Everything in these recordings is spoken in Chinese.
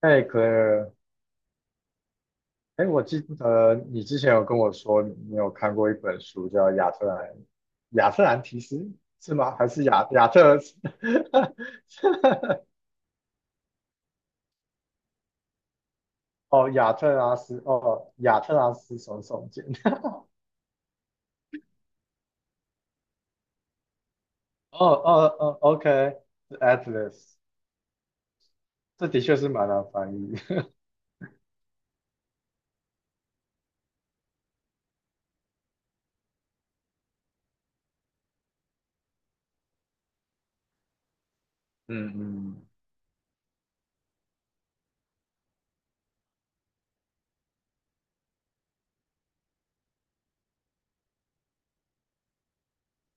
哎 c l a r 哎，我记得你之前有跟我说你有看过一本书叫《亚特兰提斯》是吗？还是亚特？哦，亚特拉斯，哦，亚特拉斯耸耸肩。哦哦哦，OK，Atlas，这的确是蛮难翻译。嗯嗯，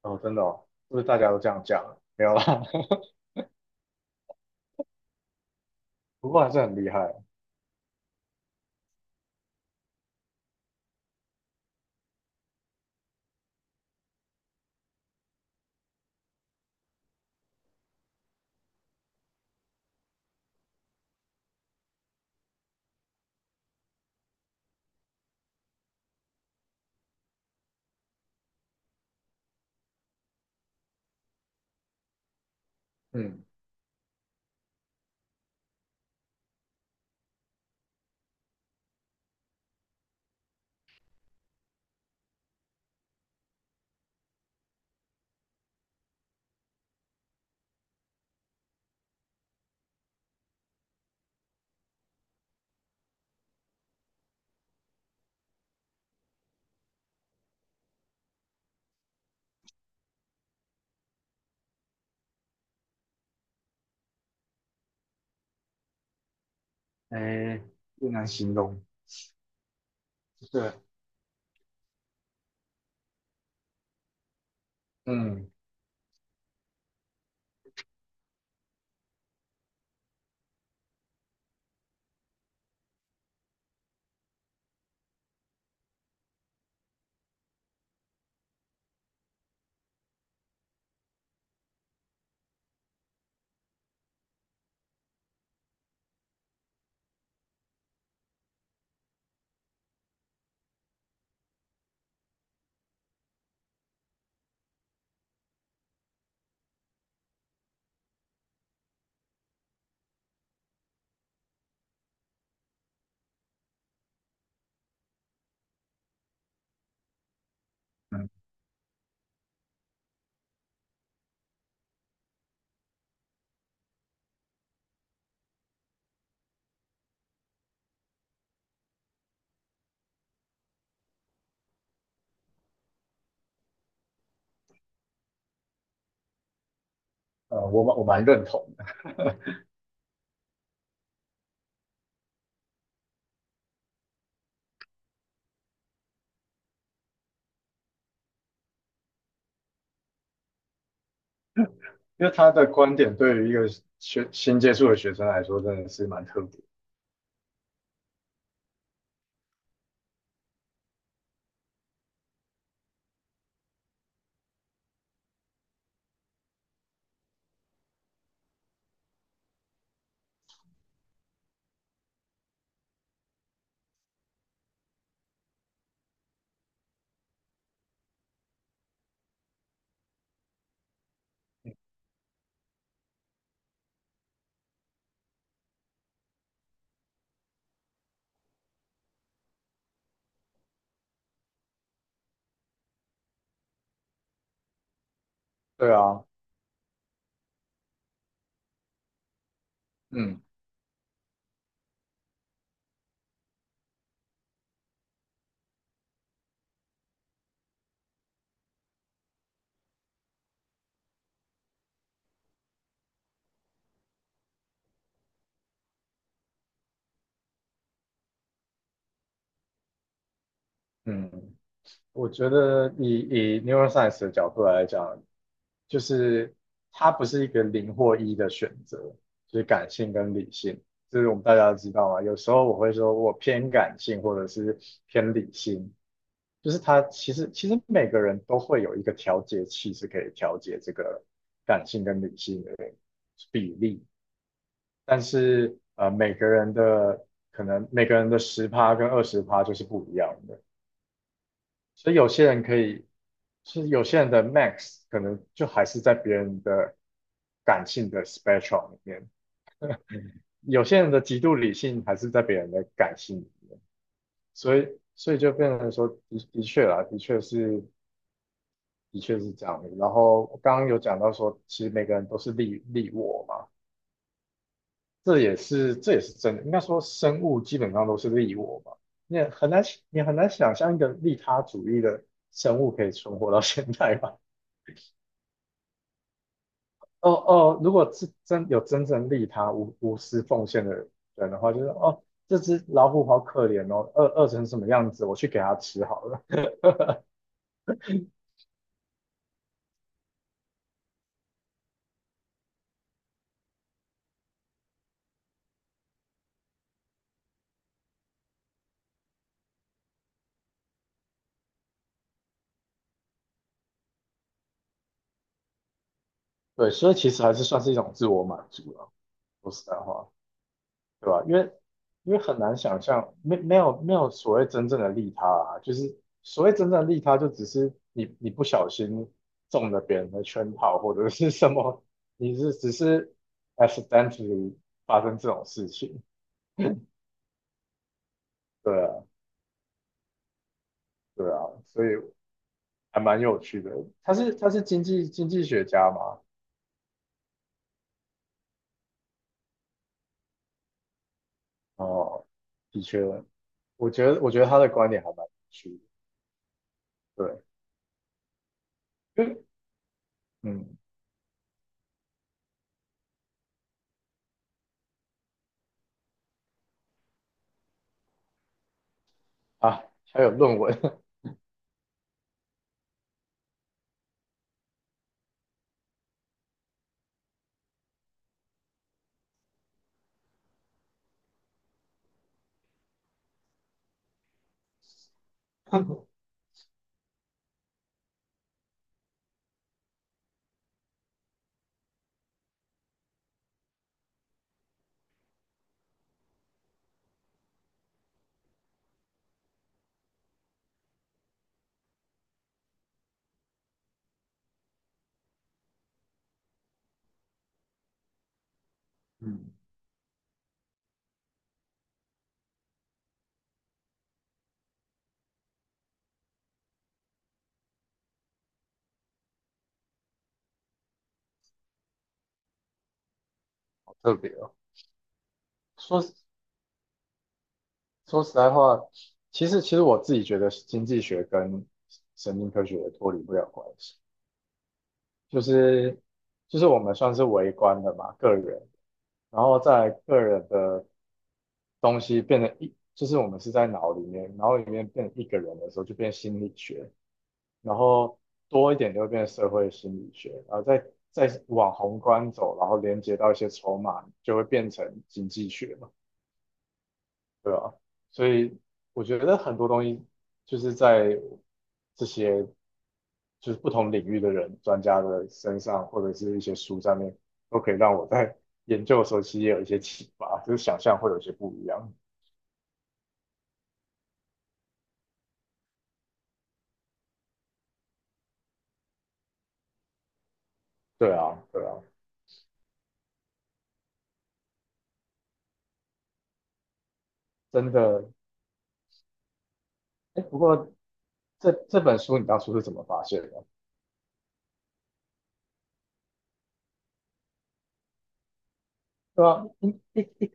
哦，真的哦，是不是大家都这样讲？没有啦，不过还是很厉害。嗯，哎，不难形容。对，嗯。我蛮认同的，因为他的观点对于一个学新接触的学生来说，真的是蛮特别。对啊，嗯嗯我觉得以 neuroscience 的角度来讲，就是它不是一个零或一的选择，就是感性跟理性，这是我们大家都知道嘛。有时候我会说我偏感性或者是偏理性，就是他其实每个人都会有一个调节器，是可以调节这个感性跟理性的比例，但是每个人的可能每个人的十趴跟20%就是不一样的，所以有些人可以，是有些人的 max 可能就还是在别人的感性的 spectrum 里面，有些人的极度理性还是在别人的感性里面，所以就变成说的确啦，的确是。的确是这样的。然后刚刚有讲到说，其实每个人都是利我嘛，这也是真的。应该说，生物基本上都是利我嘛，你很难你很难想象一个利他主义的生物可以存活到现在吧？哦哦，如果是真有真正利他无私奉献的人的话，就是哦，这只老虎好可怜哦，饿成什么样子，我去给它吃好了。对，所以其实还是算是一种自我满足了、说实在话。对吧？因为很难想象，没有所谓真正的利他啊，就是所谓真正的利他，就只是你不小心中了别人的圈套或者是什么，只是 accidentally 发生这种事情，对啊，对啊，所以还蛮有趣的。他是经济学家嘛，哦，的确，我觉得他的观点还蛮有趣的，对，因为嗯啊，还有论文，嗯，好特别哦。说实说实在话，其实我自己觉得经济学跟神经科学脱离不了关系，就是就是我们算是微观的嘛，个人，然后在个人的东西变成一，就是我们是在脑里面，脑里面变成一个人的时候就变心理学，然后多一点就会变社会心理学，然后再往宏观走，然后连接到一些筹码，就会变成经济学嘛。对啊，所以我觉得很多东西就是在这些就是不同领域的人、专家的身上，或者是一些书上面，都可以让我在 研究的时候其实也有一些启发，就是想象会有一些不一样。对啊，对啊，真的。哎，不过这本书你当初是怎么发现的？对啊，一一一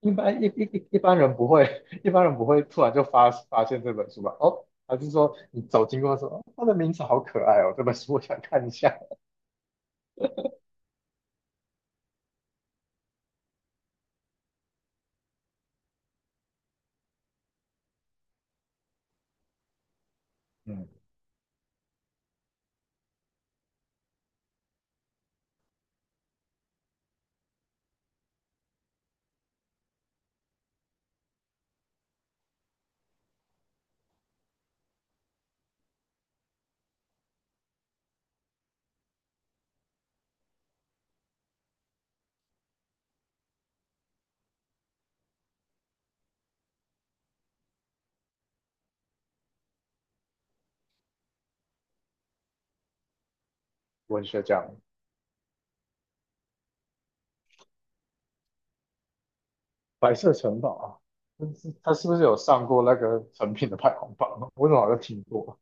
一般一一一一般人不会，一般人不会突然就发现这本书吧？哦，还是说你走经过说，哦它的名字好可爱哦，这本书我想看一下。嗯。文学奖《白色城堡》啊，他是不是有上过那个成品的排行榜？我怎么好像听过？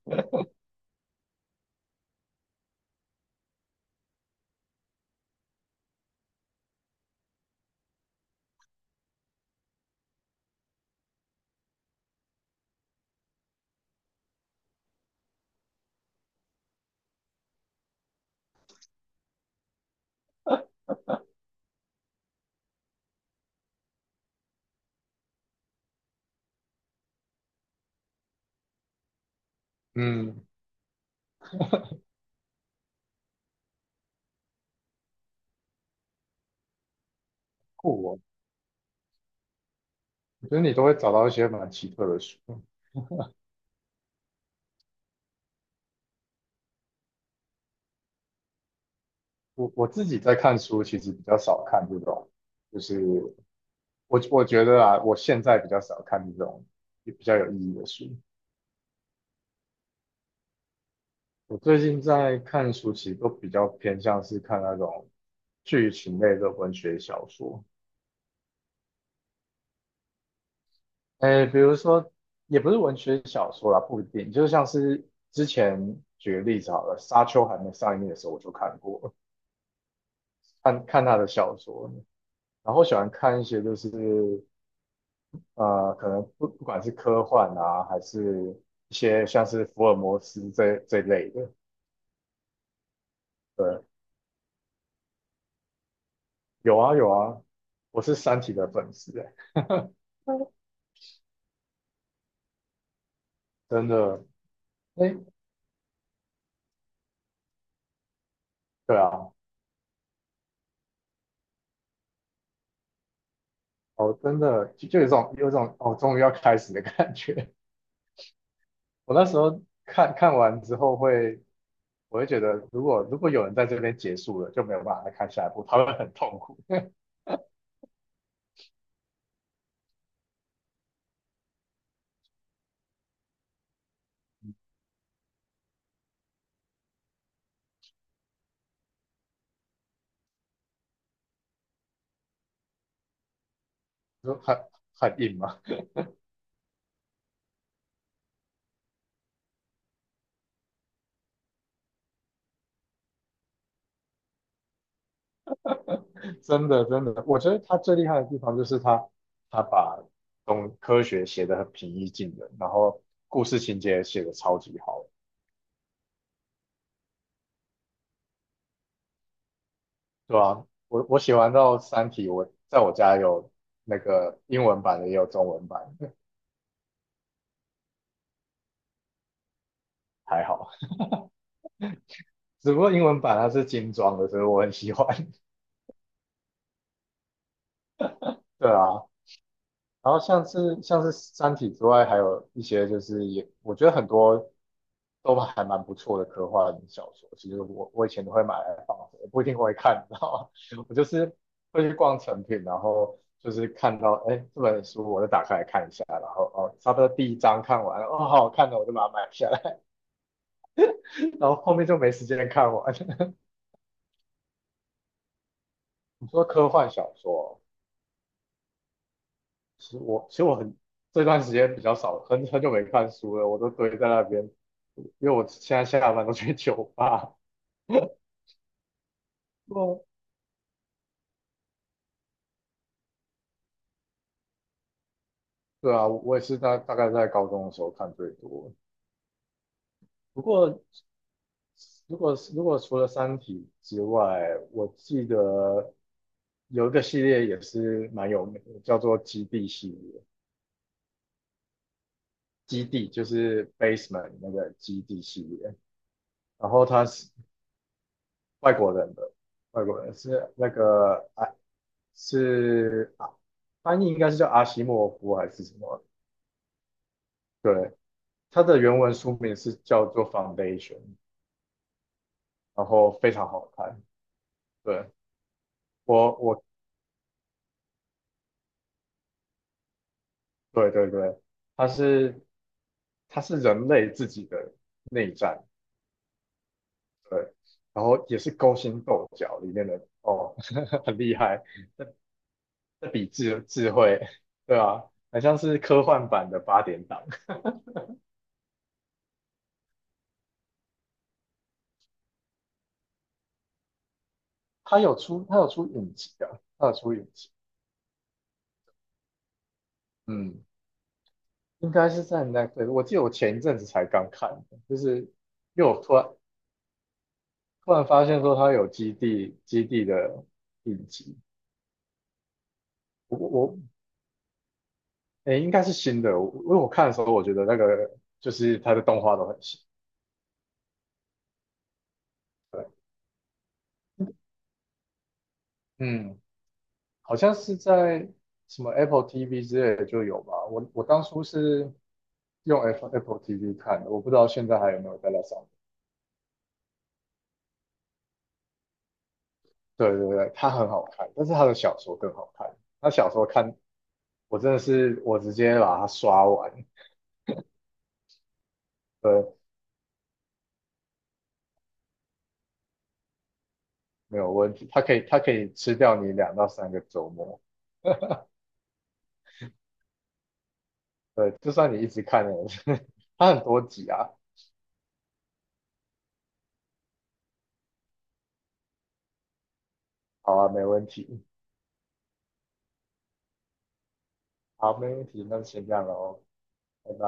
嗯，酷哦。我觉得你都会找到一些蛮奇特的书。我自己在看书，其实比较少看这种，就是我觉得啊，我现在比较少看这种比较有意义的书。我最近在看书，其实都比较偏向是看那种剧情类的文学小说。哎，比如说，也不是文学小说啦，不一定，就像是之前举个例子好了，《沙丘》还没上映的时候我就看过，看看他的小说，然后喜欢看一些就是可能不管是科幻啊，还是一些像是福尔摩斯这类的，对，有啊有啊，我是《三体》的粉丝欸，真的，哎，对啊，哦，真的就有一种哦，终于要开始的感觉，我那时候看完之后会，我会觉得，如果有人在这边结束了，就没有办法再看下一部，他会很痛苦，就很硬嘛，真的真的，我觉得他最厉害的地方就是他把东科学写得很平易近人，然后故事情节也写得超级好，对啊，我写完到《三体》，我在我家有那个英文版的，也有中文版，还好，只不过英文版它是精装的，所以我很喜欢，对啊，然后像是《三体》之外，还有一些就是也我觉得很多都还蛮不错的科幻小说。其实我以前都会买来放着，不一定会看，你知道吗？我就是会去逛成品，然后就是看到哎这本书，我就打开来看一下，然后哦差不多第一章看完了，哦好好看的，我就把它买下来，然后后面就没时间看完。你说科幻小说哦？其实我很这段时间比较少，很久没看书了，我都堆在那边，因为我现在下班都去酒吧 哦对啊，我也是大概在高中的时候看最多。不过，如果除了《三体》之外，我记得有一个系列也是蛮有名的，叫做《基地》系列。基地就是 Basement 那个基地系列，然后它是外国人的，外国人是那个是啊翻译应该是叫阿西莫夫还是什么？对，它的原文书名是叫做《Foundation》，然后非常好看。对，我对对对，它是它是人类自己的内战，对，然后也是勾心斗角里面的哦，很厉害，这比智慧，对啊，很像是科幻版的八点档。它有出影集啊，它有出影集，嗯。应该是在 Netflix。我记得我前一阵子才刚看的，就是因为我突然发现说它有基地的影集，我诶、应该是新的，因为我看的时候我觉得那个就是它的动画都很新，对，嗯，好像是在什么 Apple TV 之类的就有吧。我当初是用 Apple TV 看的，我不知道现在还有没有在那上面。对对对，它很好看，但是他的小说更好看。他小说看我真的是直接把它刷完，对，没有问题。它可以吃掉你2到3个周末，对，就算你一直看了，它很多集啊。好啊，没问题，好，没问题，那就先这样喽，拜拜。